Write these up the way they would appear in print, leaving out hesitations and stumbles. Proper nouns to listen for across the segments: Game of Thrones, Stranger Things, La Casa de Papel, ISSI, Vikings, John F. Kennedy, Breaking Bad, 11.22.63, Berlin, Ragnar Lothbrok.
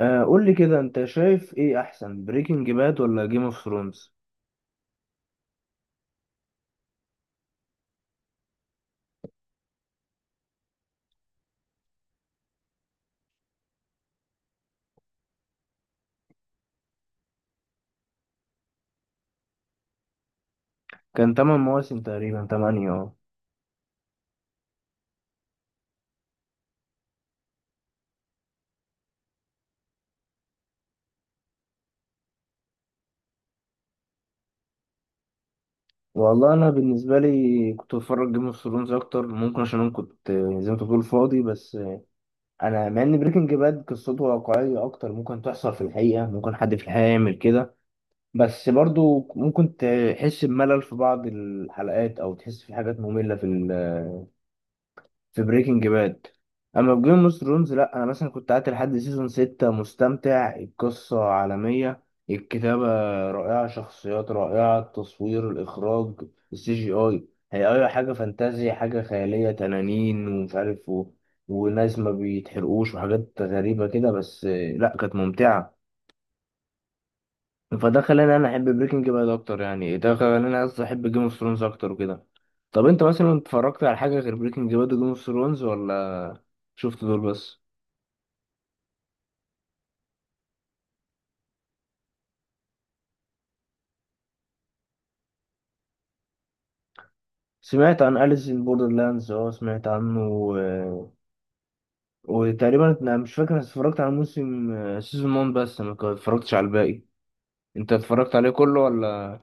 آه، قول لي كده، انت شايف ايه احسن، بريكنج باد ولا جيم اوف ثرونز؟ كان تمن مواسم تقريبا، تمانية، اه. والله انا بالنسبه لي كنت بتفرج جيم اوف ثرونز اكتر، ممكن عشان انا كنت زي ما انت بتقول فاضي. بس انا مع ان بريكنج باد قصته واقعيه اكتر، ممكن تحصل في الحقيقه، ممكن حد في الحقيقه يعمل كده. بس برضو ممكن تحس بملل في بعض الحلقات، او تحس في حاجات ممله في بريكنج باد. اما في جيم اوف ثرونز، لا. انا مثلا كنت قعدت لحد سيزون ستة مستمتع، القصة عالمية، الكتابة رائعة، شخصيات رائعة، التصوير، الاخراج، السي جي اي، هي اي حاجة فانتازيا، حاجة خيالية، تنانين ومش عارف وناس ما بيتحرقوش وحاجات غريبة كده. بس لا، كانت ممتعة. فده خلاني احب بريكنج باد اكتر، يعني ده خلاني، قصدي، احب جيم اوف ثرونز اكتر وكده. طب انت مثلا اتفرجت على حاجة غير بريكنج باد وجيم اوف ثرونز، ولا شفت دول بس؟ سمعت عن أليس إن بوردرلاندز، اه سمعت عنه وتقريبا انا مش فاكر، أنا اتفرجت على سيزون 1 بس. ما كان- اتفرجتش على الباقي. انت اتفرجت عليه كله ولا؟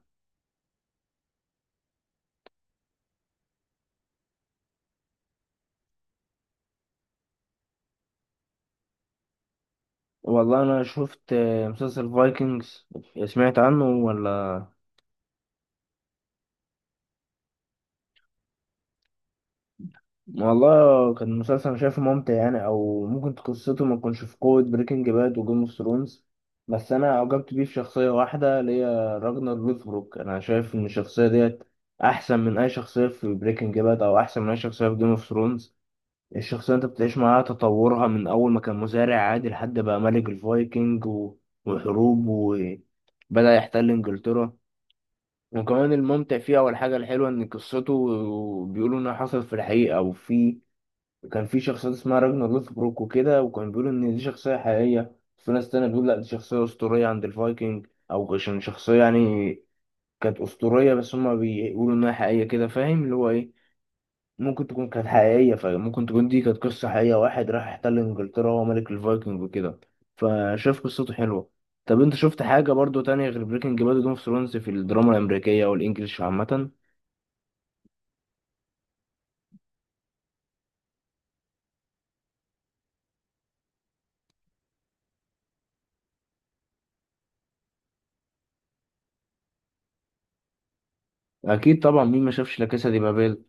والله انا شفت مسلسل فايكنجز، سمعت عنه ولا؟ والله كان مسلسل انا شايفه ممتع يعني، او ممكن قصته ما تكونش في قوة بريكنج باد وجيم اوف ثرونز، بس انا اعجبت بيه في شخصية واحدة اللي هي راجنر لوثبروك. انا شايف ان الشخصية ديت احسن من اي شخصية في بريكنج باد، او احسن من اي شخصية في جيم اوف ثرونز. الشخصية انت بتعيش معاها تطورها، من اول ما كان مزارع عادي لحد بقى ملك الفايكنج وحروب، وبدأ يحتل انجلترا. وكمان الممتع فيه، او الحاجة الحلوة، ان قصته بيقولوا انها حصلت في الحقيقة. وفي كان في شخصيات اسمها راجنا لوثبروك وكده، وكان بيقولوا ان دي شخصيه حقيقيه. في ناس تانية بتقول لا، دي شخصيه اسطوريه عند الفايكنج، او عشان شخصيه يعني كانت اسطوريه، بس هما بيقولوا انها حقيقيه كده. فاهم اللي هو ايه، ممكن تكون كانت حقيقيه، فممكن تكون دي كانت قصه حقيقيه، واحد راح احتل انجلترا وهو ملك الفايكنج وكده. فشاف قصته حلوه. طب انت شفت حاجه برضو تانية غير بريكنج باد وجيم اوف ثرونز، في الدراما الامريكيه او الانجليش عامه؟ اكيد طبعا، مين ما شافش لا كاسا دي بابيل؟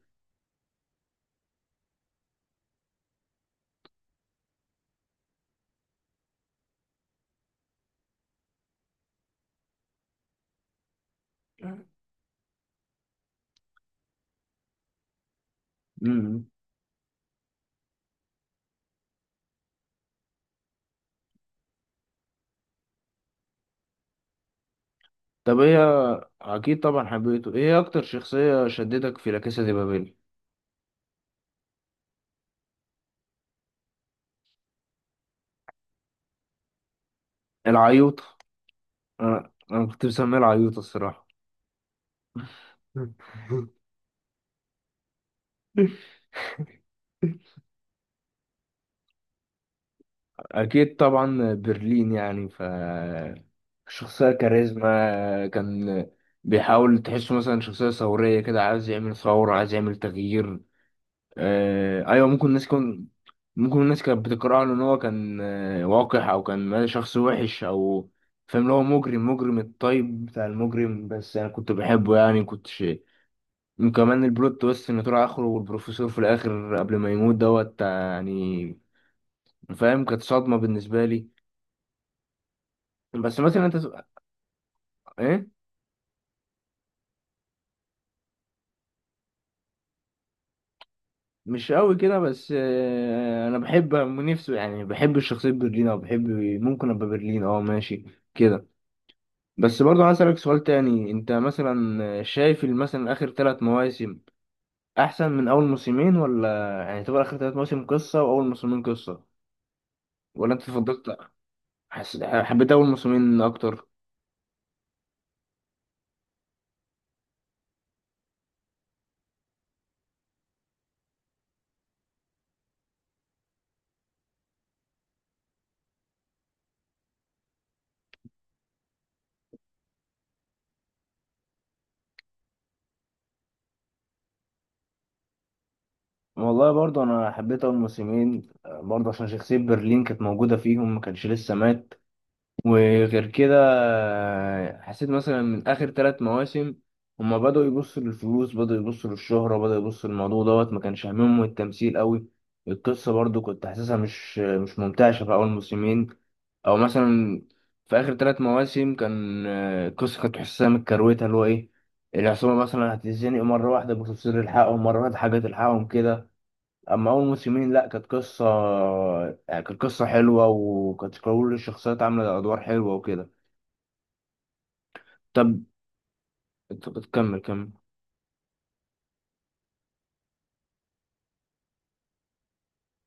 طب هي، اكيد طبعا حبيته، ايه اكتر شخصية شدتك في لا كاسا دي بابيل؟ العيوط، انا كنت مسميه العيوط الصراحة. اكيد طبعا برلين يعني. ف شخصية كاريزما كان بيحاول تحسه مثلا شخصية ثورية كده، عايز يعمل ثورة، عايز يعمل تغيير. ايوه، ممكن الناس كون، ممكن الناس كانت بتقرأه ان هو كان وقح، او كان شخص وحش او، فاهم، اللي هو مجرم، مجرم الطيب بتاع المجرم. بس انا كنت بحبه يعني، كنت شيء. وكمان البلوت تويست ان طلع اخره، والبروفيسور في الاخر قبل ما يموت دوت يعني فاهم، كانت صدمة بالنسبة لي. بس مثلا انت ايه، مش قوي كده. بس انا بحب نفسه يعني، بحب الشخصية برلين، او بحب ممكن ابقى برلين، اه ماشي كده. بس برضو عايز اسالك سؤال تاني، انت مثلا شايف مثلا اخر ثلاث مواسم احسن من اول موسمين ولا؟ يعني تبقى اخر ثلاث مواسم قصه، واول موسمين قصه، ولا انت فضلت، حبيت اول موسمين اكتر؟ والله برضه انا حبيت اول موسمين برضه عشان شخصيه برلين كانت موجوده فيهم، ما كانش لسه مات. وغير كده حسيت مثلا من اخر ثلاث مواسم هما بدأوا يبصوا للفلوس، بدأوا يبصوا للشهرة، بدأوا يبصوا للموضوع دوت، ما كانش همهم التمثيل قوي. القصة برضو كنت حاسسها مش ممتعة في اول موسمين. او مثلا في اخر ثلاث مواسم كان القصة كنت حاسسها متكروتة، اللي هو ايه، العصابة مثلا هتتزنق مرة واحدة، بتفصيل الحقهم مرة واحدة حاجة تلحقهم كده. اما اول موسمين لا، كانت قصة كانت قصة حلوة، وكانت كل الشخصيات عاملة ادوار حلوة وكده. طب، طب كمل كمل.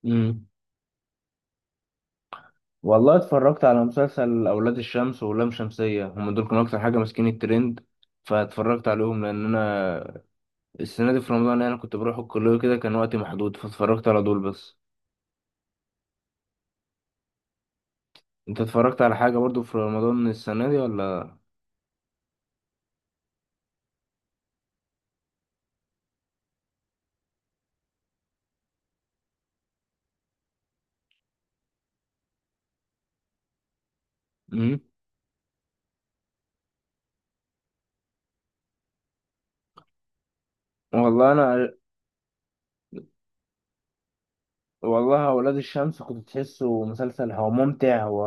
امم، والله اتفرجت على مسلسل اولاد الشمس ولام شمسية، هم دول كانوا اكتر حاجة ماسكين الترند، فاتفرجت عليهم. لان السنة دي في رمضان انا كنت بروح الكلية كده، كان وقتي محدود، فاتفرجت على دول بس. انت اتفرجت على حاجة برضو في رمضان السنة دي ولا؟ امم، والله انا، والله ولاد الشمس كنت تحسه مسلسل هو ممتع. و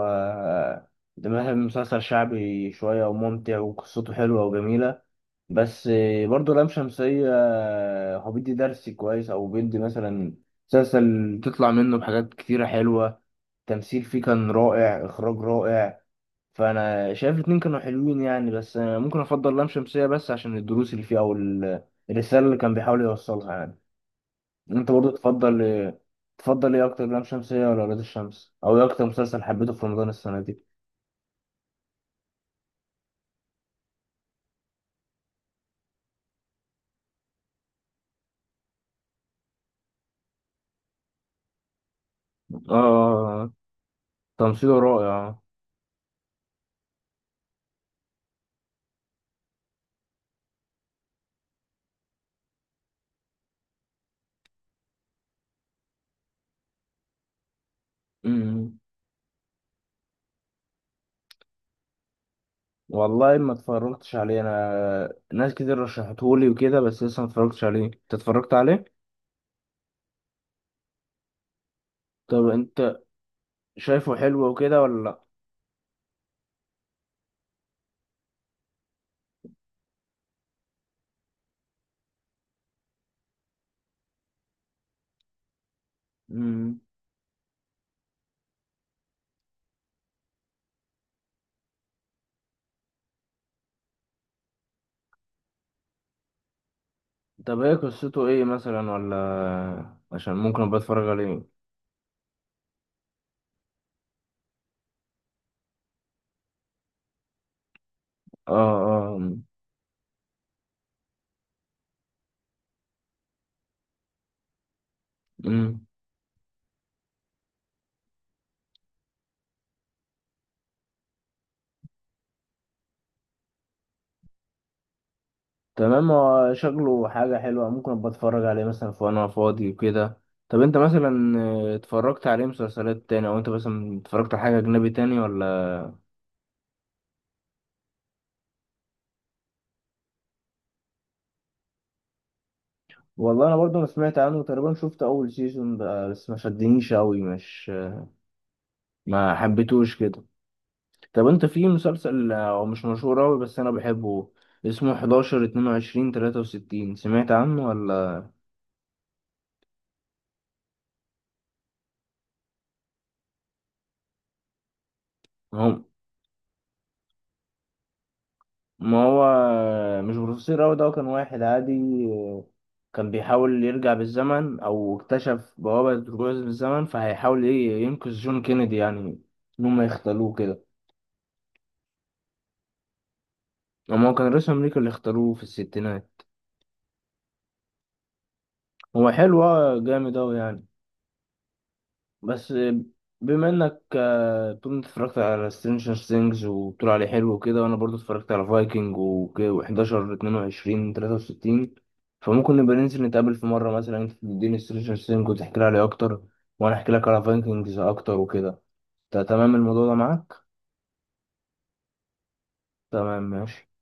ده مثلا مسلسل شعبي شوية وممتع، وقصته حلوة وجميلة. بس برضه لام شمسية هو بيدي درس كويس، أو بيدي مثلا مسلسل تطلع منه بحاجات كتيرة حلوة، تمثيل فيه كان رائع، إخراج رائع. فأنا شايف الاتنين كانوا حلوين يعني، بس ممكن أفضل لام شمسية، بس عشان الدروس اللي فيه، أو الرسالة اللي كان بيحاول يوصلها يعني. انت برضو تفضل ايه، تفضل ايه اكتر، لام شمسية ولا ولاد الشمس، او ايه اكتر مسلسل حبيته في رمضان السنة دي؟ اه، تمثيله رائع. امم، والله ما اتفرجتش عليه، انا ناس كتير رشحتهولي وكده، بس لسه ما اتفرجتش عليه. انت اتفرجت عليه؟ طب انت شايفه حلو وكده ولا لا؟ امم. طب ايه قصته ايه مثلا، ولا عشان ممكن ابقى اتفرج عليه؟ اه، اه. امم، تمام، هو شكله حاجة حلوة، ممكن ابقى اتفرج عليه مثلا في، وانا فاضي وكده. طب انت مثلا اتفرجت عليه مسلسلات تاني، او انت مثلا اتفرجت على حاجة اجنبي تاني ولا؟ والله انا برضه ما سمعت عنه تقريبا، شفت اول سيزون بقى بس، ما شدنيش قوي، مش ما حبيتهوش كده. طب انت، في مسلسل هو مش مشهور قوي، بس انا بحبه، اسمه 11 22 63، سمعت عنه ولا؟ هو، ما هو مش بروفيسور أوي ده، هو كان واحد عادي، كان بيحاول يرجع بالزمن، أو اكتشف بوابة رجوع بالزمن، فهيحاول إيه، ينقذ جون كينيدي يعني، إن هم يختاروه كده. أما هو كان رئيس أمريكا اللي اختاروه في الستينات. هو حلو جامد أوي يعني. بس بما انك طول ما اتفرجت على سترينجر ثينجز وبتقول عليه حلو وكده، وانا برضو اتفرجت على فايكنج و11 22 63، فممكن نبقى ننزل نتقابل في مره، مثلا انت تديني سترينجر ثينجز وتحكي لي عليه اكتر، وانا احكي لك على فايكنجز اكتر وكده. تمام الموضوع ده معاك؟ تمام، ماشي.